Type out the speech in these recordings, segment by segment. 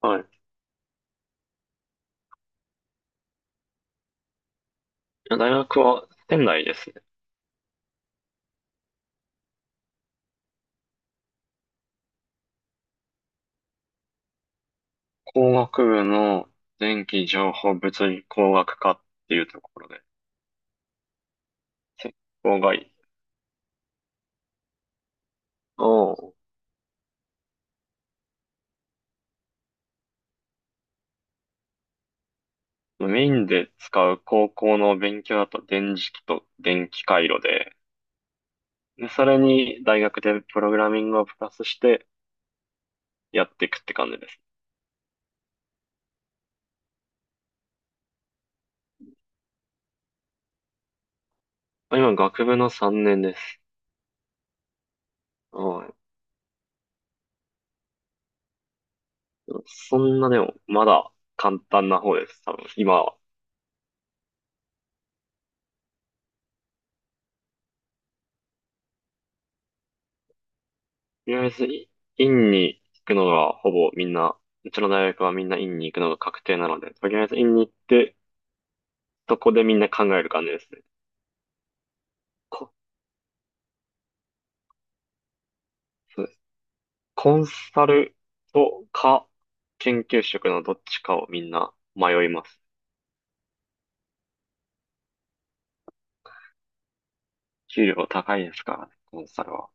はい。大学は仙台ですね。工学部の電気情報物理工学科っていうところで、鉄工外をメインで使う高校の勉強だと電磁気と電気回路で、それに大学でプログラミングをプラスしてやっていくって感じです。今、学部の3年です。はい。そんなでも、まだ簡単な方です。多分、今は。とりあえず、院に行くのがほぼみんな、うちの大学はみんな院に行くのが確定なので、とりあえず院に行って、そこでみんな考える感じですね。こ、そうです。コンサルとか、研究職のどっちかをみんな迷います。給料高いですからね、コンサルは。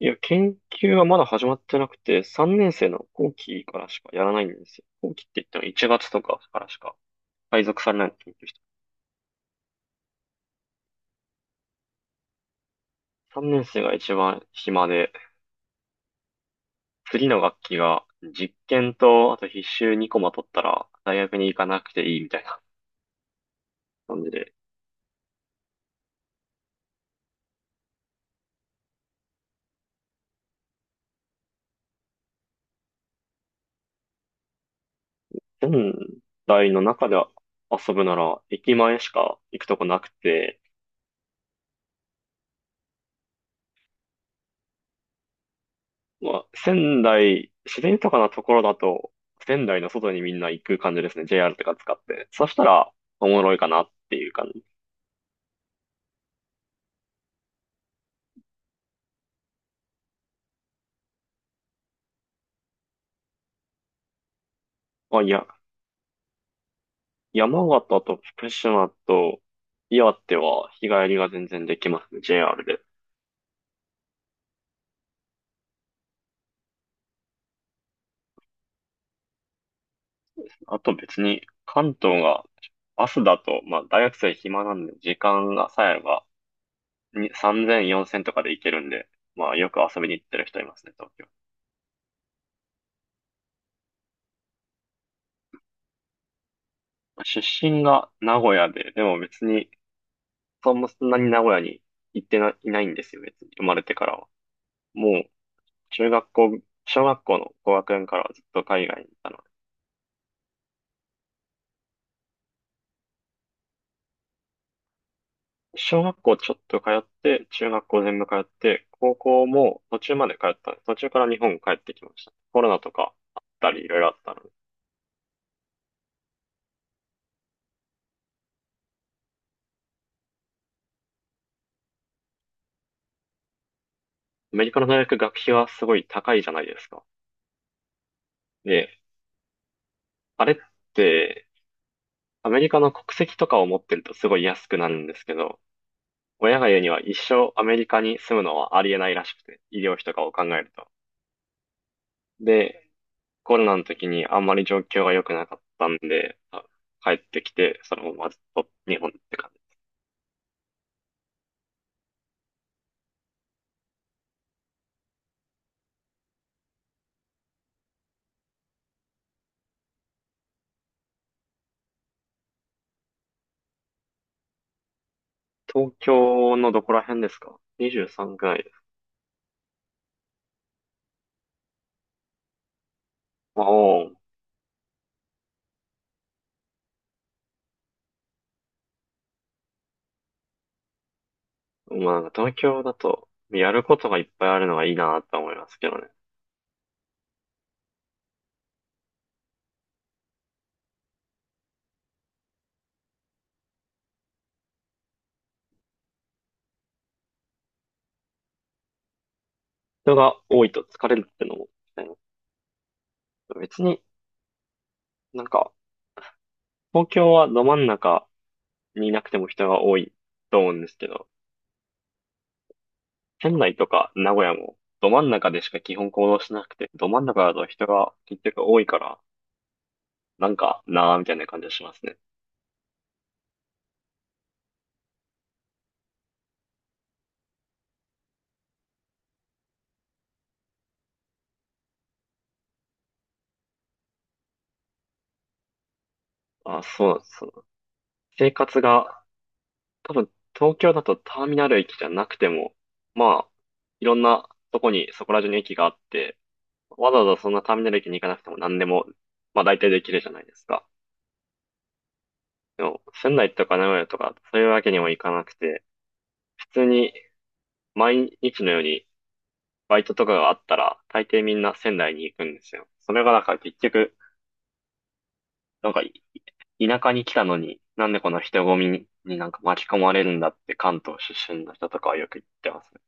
いや、研究はまだ始まってなくて、3年生の後期からしかやらないんですよ。後期って言っても1月とかからしか配属されない研究室。3年生が一番暇で、次の学期が実験と、あと必修2コマ取ったら大学に行かなくていいみたいな感じで、仙台の中で遊ぶなら駅前しか行くとこなくて、まあ、仙台、自然豊かなところだと、仙台の外にみんな行く感じですね。JR とか使って。そしたら、おもろいかなっていう感じ。まあ、いや、山形と福島と岩手は日帰りが全然できますね。JR で。あと別に関東が朝だと、まあ大学生暇なんで時間がさえあればに3000、4000とかで行けるんで、まあよく遊びに行ってる人いますね、東京。出身が名古屋で、でも別にそんなに名古屋に行ってな、いないんですよ、別に生まれてからは。もう中学校、小学校の高学年からはずっと海外にいたの。小学校ちょっと通って、中学校全部通って、高校も途中まで通ったんです。途中から日本帰ってきました。コロナとかあったり、いろいろあったので。アメリカの大学学費はすごい高いじゃないですか。で、あれって、アメリカの国籍とかを持ってるとすごい安くなるんですけど、親が言うには一生アメリカに住むのはありえないらしくて、医療費とかを考えると。で、コロナの時にあんまり状況が良くなかったんで、帰ってきて、そのままずっと日本って感じ。東京のどこら辺ですか？ 23 くらいです。まあ、おうまあ、なんか東京だと、やることがいっぱいあるのがいいなと思いますけどね。人が多いと疲れるってのも、ね、別になんか、東京はど真ん中にいなくても人が多いと思うんですけど、仙台とか名古屋もど真ん中でしか基本行動しなくて、ど真ん中だと人が結局多いから、なんかなーみたいな感じがしますね。あ、そうなんです。生活が多分、東京だとターミナル駅じゃなくても、まあ、いろんなとこに、そこら中に駅があって、わざわざそんなターミナル駅に行かなくても何でも、まあ大体できるじゃないですか。でも、仙台とか名古屋とか、そういうわけにもいかなくて、普通に毎日のようにバイトとかがあったら、大抵みんな仙台に行くんですよ。それがなんか結局、なんか田舎に来たのに、なんでこの人混みになんか巻き込まれるんだって関東出身の人とかはよく言ってますね。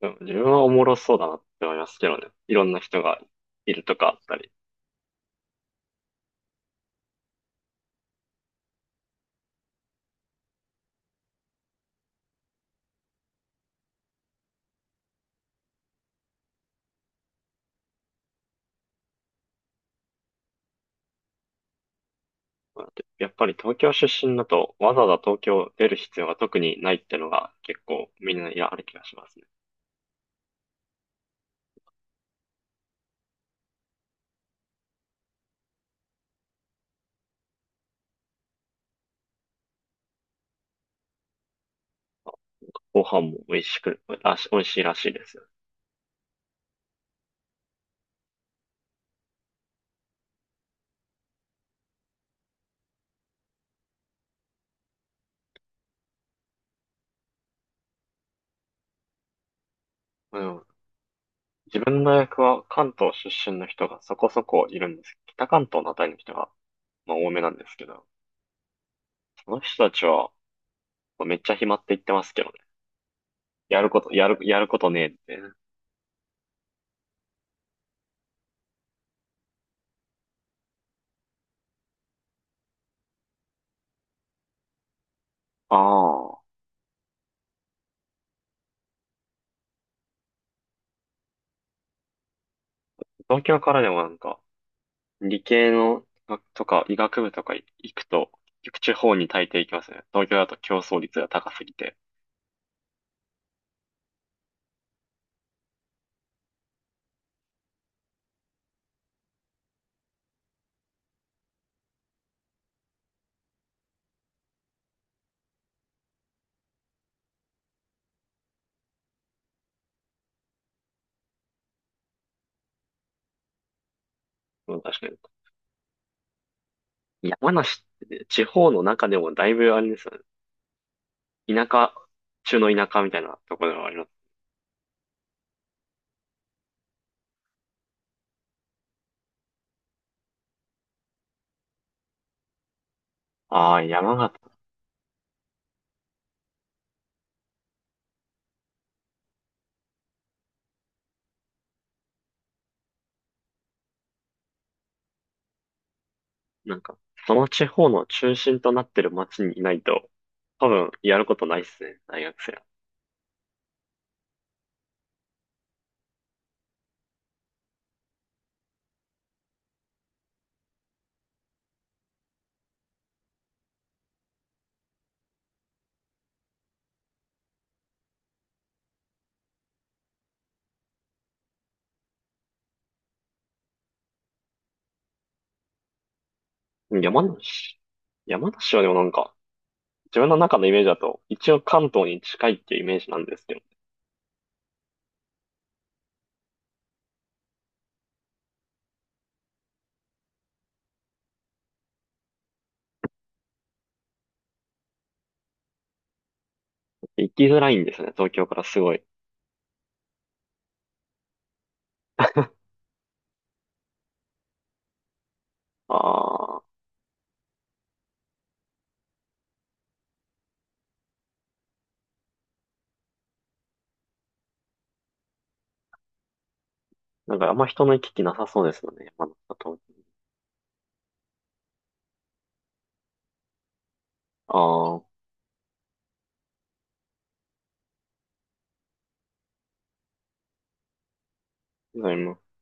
でも自分はおもろそうだなって思いますけどね。いろんな人がいるとかあったり。やっぱり東京出身だとわざわざ東京出る必要が特にないってのが結構みんなやある気がしますね。ご飯も美味しく、美味しいらしいですよ。でも自分の大学は関東出身の人がそこそこいるんです。北関東のあたりの人が、まあ、多めなんですけど、その人たちは、まあめっちゃ暇って言ってますけどね。やること、やることねえって。ああ、東京からでもなんか、理系の学とか医学部とか行くと、結局地方に大抵行きますね。東京だと競争率が高すぎて。うん、確かに。山梨ってね、地方の中でもだいぶあれですよね。田舎、中の田舎みたいなところではあります。ああ、山形。なんか、その地方の中心となってる町にいないと、多分やることないっすね、大学生は。山梨。山梨はでもなんか、自分の中のイメージだと、一応関東に近いっていうイメージなんですけど、行きづらいんですよね、東京からすごい。ああ、なんかあんま人の行き来なさそうですよね、山の里。ああ、ございます。